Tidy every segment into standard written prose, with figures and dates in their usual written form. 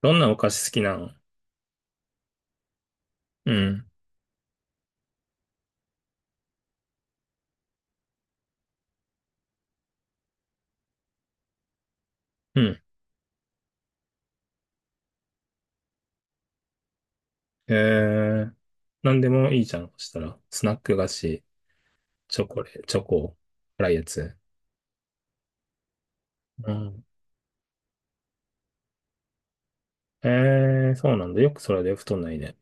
どんなお菓子好きなの？うん。うん。えー、なんでもいいじゃん。そしたら、スナック菓子、チョコ、辛いやつ。うん。えー、そうなんだ。よくそれで太んないね。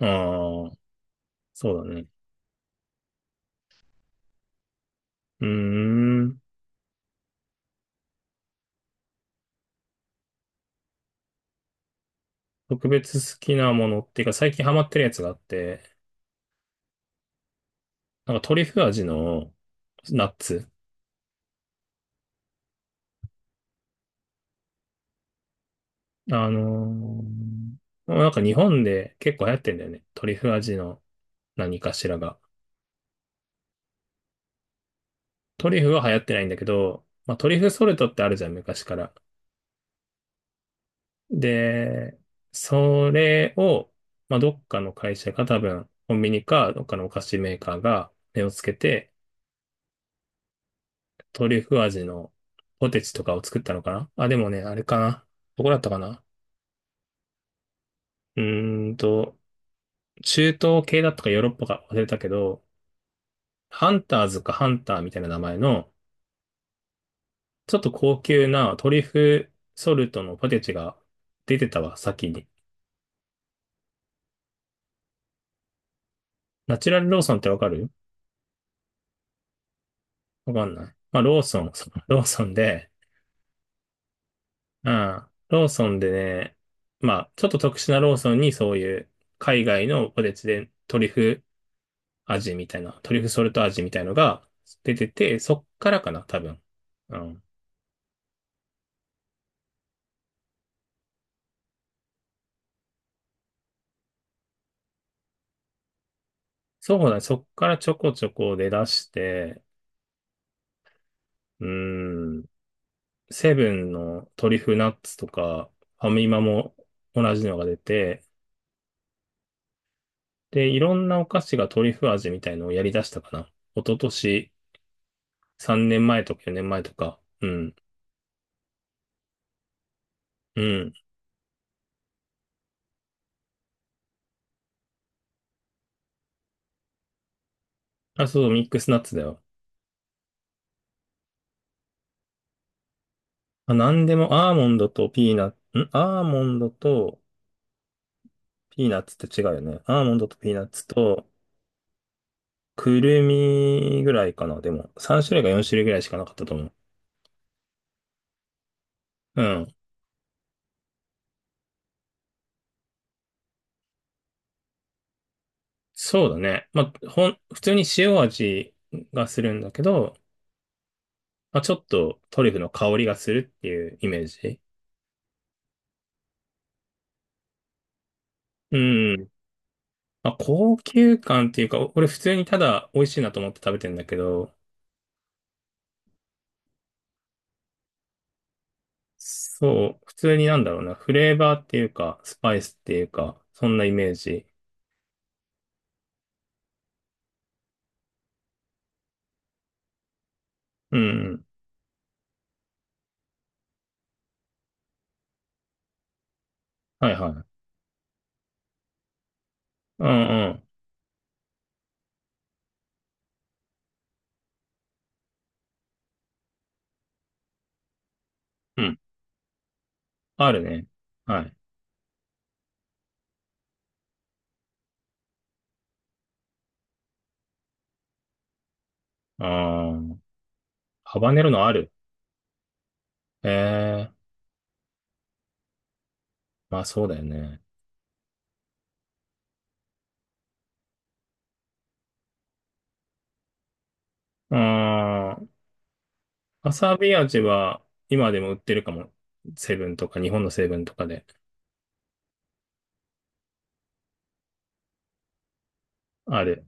ああ、そうだね。うーん。特別好きなものっていうか、最近ハマってるやつがあって、なんかトリュフ味のナッツ。あのーなんか日本で結構流行ってんだよね。トリュフ味の何かしらが。トリュフは流行ってないんだけど、まあ、トリュフソルトってあるじゃん、昔から。で、それを、まあ、どっかの会社が多分、コンビニか、どっかのお菓子メーカーが目をつけて、トリュフ味のポテチとかを作ったのかなあ、でもね、あれかな。どこだったかな？うーんと、中東系だったかヨーロッパか忘れたけど、ハンターズかハンターみたいな名前の、ちょっと高級なトリュフソルトのポテチが出てたわ、先に。ナチュラルローソンってわかる？わかんない。まあ、ローソン、そうローソンで、うん、ローソンでね、まあ、ちょっと特殊なローソンにそういう海外のポテチでトリュフ味みたいな、トリュフソルト味みたいのが出てて、そっからかな、多分。うん。そうだね、そっからちょこちょこ出だして、うーん、セブンのトリュフナッツとか、ファミマも同じのが出て、で、いろんなお菓子がトリュフ味みたいのをやり出したかな。一昨年3年前とか4年前とか。うん。うん。あ、そう、ミックスナッツだよ。あ、なんでも、アーモンドとピーナッツ、アーモンドとピーナッツって違うよね。アーモンドとピーナッツと、くるみぐらいかな。でも、3種類か4種類ぐらいしかなかったと思う。うん。そうだね。まあ、普通に塩味がするんだけど、まあ、ちょっとトリュフの香りがするっていうイメージ。うん。まあ、高級感っていうか、俺普通にただ美味しいなと思って食べてんだけど、そう、普通になんだろうな、フレーバーっていうか、スパイスっていうか、そんなイメージ。うん、うん。はいはい。うんうん。うん。あるね。はい。あー、ハバネロのある。ええー、まあそうだよね。あー、わさび味は今でも売ってるかも。セブンとか、日本のセブンとかで。ある。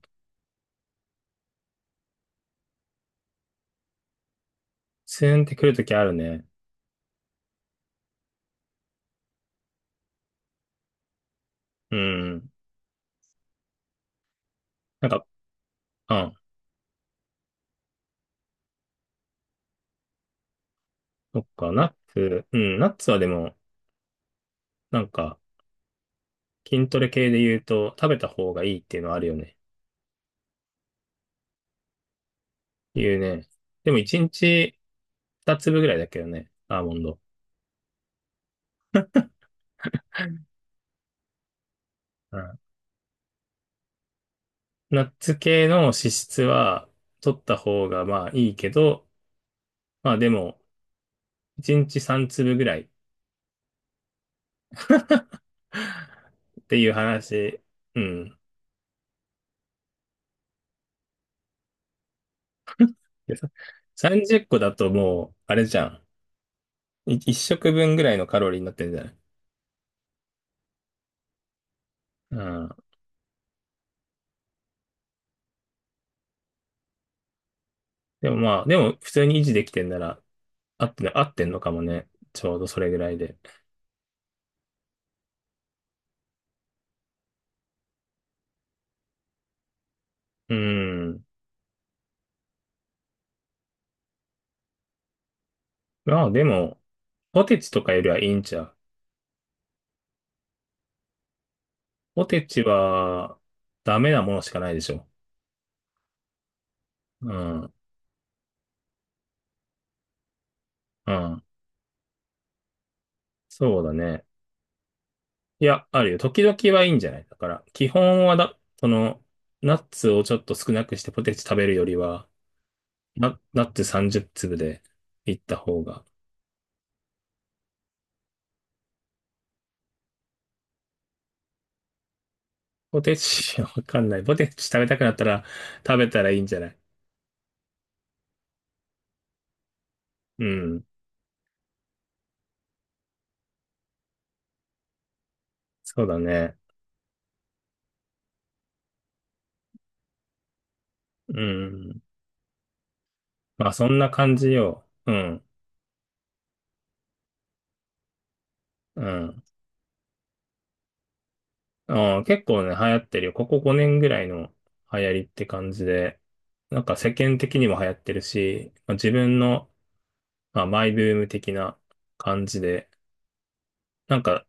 ツーンってくるときあるね。うん。なんか、あ、そっか、ナッツ、うん、ナッツはでも、なんか、筋トレ系で言うと、食べた方がいいっていうのはあるよね。言うね。でも1日2粒ぐらいだけどね、アーモンド。うん。ナッツ系の脂質は取った方がまあいいけど、まあでも1日3粒ぐらいっていう話。うん。でさ30個だともう、あれじゃん。1食分ぐらいのカロリーになってるんじゃない？うん。でもまあ、でも普通に維持できてんなら、合ってんのかもね。ちょうどそれぐらいで。うん。まあでも、ポテチとかよりはいいんちゃう？ポテチはダメなものしかないでしょ。うん。うん。そうだね。いや、あるよ。時々はいいんじゃないだから、基本は、その、ナッツをちょっと少なくしてポテチ食べるよりは、ナッツ30粒でいった方が。ポテチ、わかんない。ポテチ食べたくなったら食べたらいいんじゃない？うん。そうだね。うん。まあそんな感じよ。うん。うん。うん結構ね、流行ってるよ。ここ5年ぐらいの流行りって感じで、なんか世間的にも流行ってるし、まあ、自分の、まあ、マイブーム的な感じで、なんか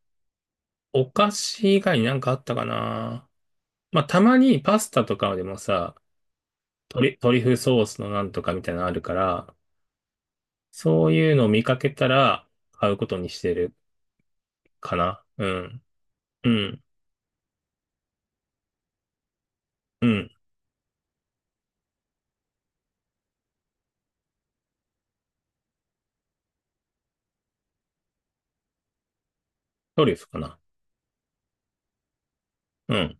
お菓子以外になんかあったかな。まあたまにパスタとかでもさ、トリュフソースのなんとかみたいなのあるから、そういうのを見かけたら買うことにしてるかな。うん。うん。うん。トリュフかな。うん。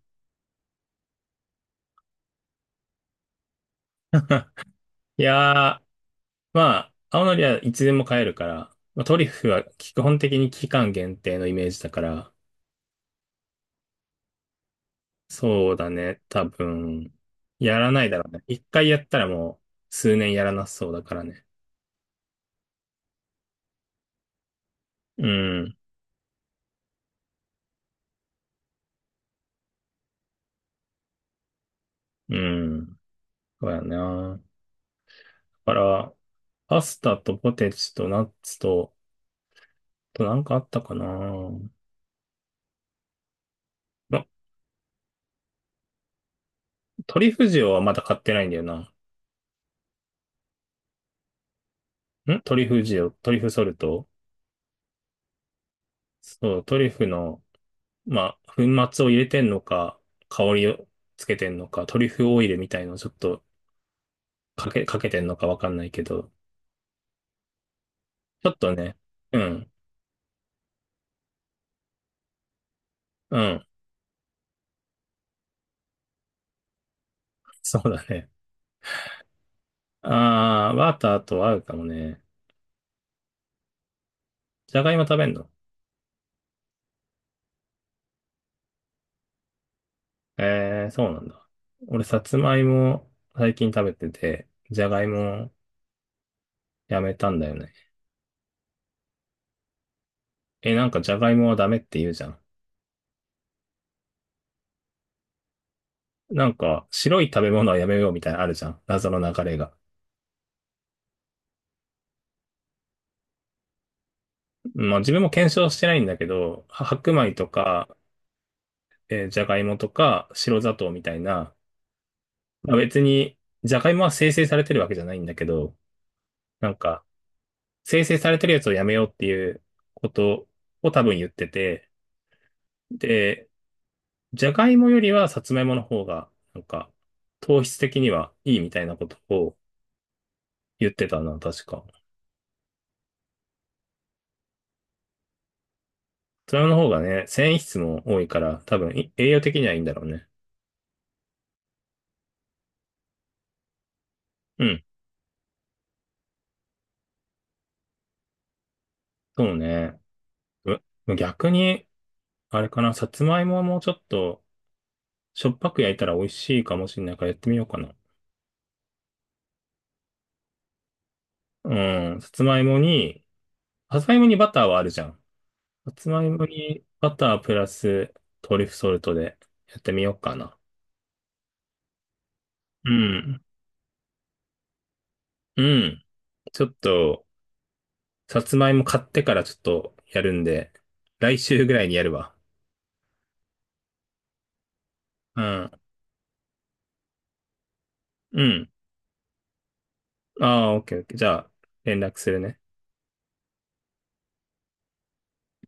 いやー、まあ、青のりはいつでも買えるから、まあ、トリュフは基本的に期間限定のイメージだから、そうだね、多分、やらないだろうね。一回やったらもう数年やらなそうだからね。うん、うん、そうやな。だから、パスタとポテチとナッツと、あとなんかあったかな。ま、トリュフ塩はまだ買ってないんだよな。トリュフ塩、トリュフソルト。そう、トリュフの、まあ、粉末を入れてんのか、香りをつけてんのか、トリュフオイルみたいのをちょっとかけてんのかわかんないけど、ちょっとね、うん、うん、そうだね。あー、バターと合うかもね。じゃがいも食べんの？えー、そうなんだ。俺、さつまいも最近食べてて、じゃがいもやめたんだよね。え、なんかじゃがいもはダメって言うじゃん。なんか、白い食べ物はやめようみたいなのあるじゃん。謎の流れが。まあ自分も検証してないんだけど、白米とかじゃがいもとか白砂糖みたいな、まあ、別に、じゃがいもは生成されてるわけじゃないんだけど、なんか、生成されてるやつをやめようっていうことを多分言ってて、で、じゃがいもよりはさつまいもの方が、なんか、糖質的にはいいみたいなことを言ってたな、確か。さつまいもの方がね、繊維質も多いから、多分栄養的にはいいんだろうね。うん、そうね。逆に、あれかな、さつまいもはもうちょっと、しょっぱく焼いたら美味しいかもしれないからやってみようかな。うん。さつまいもに、さつまいもにバターはあるじゃん。さつまいもにバタープラストリュフソルトでやってみようかな。うん。うん。ちょっと、さつまいも買ってからちょっとやるんで、来週ぐらいにやるわ。うん。うん。ああ、オッケーオッケー。じゃあ、連絡するね。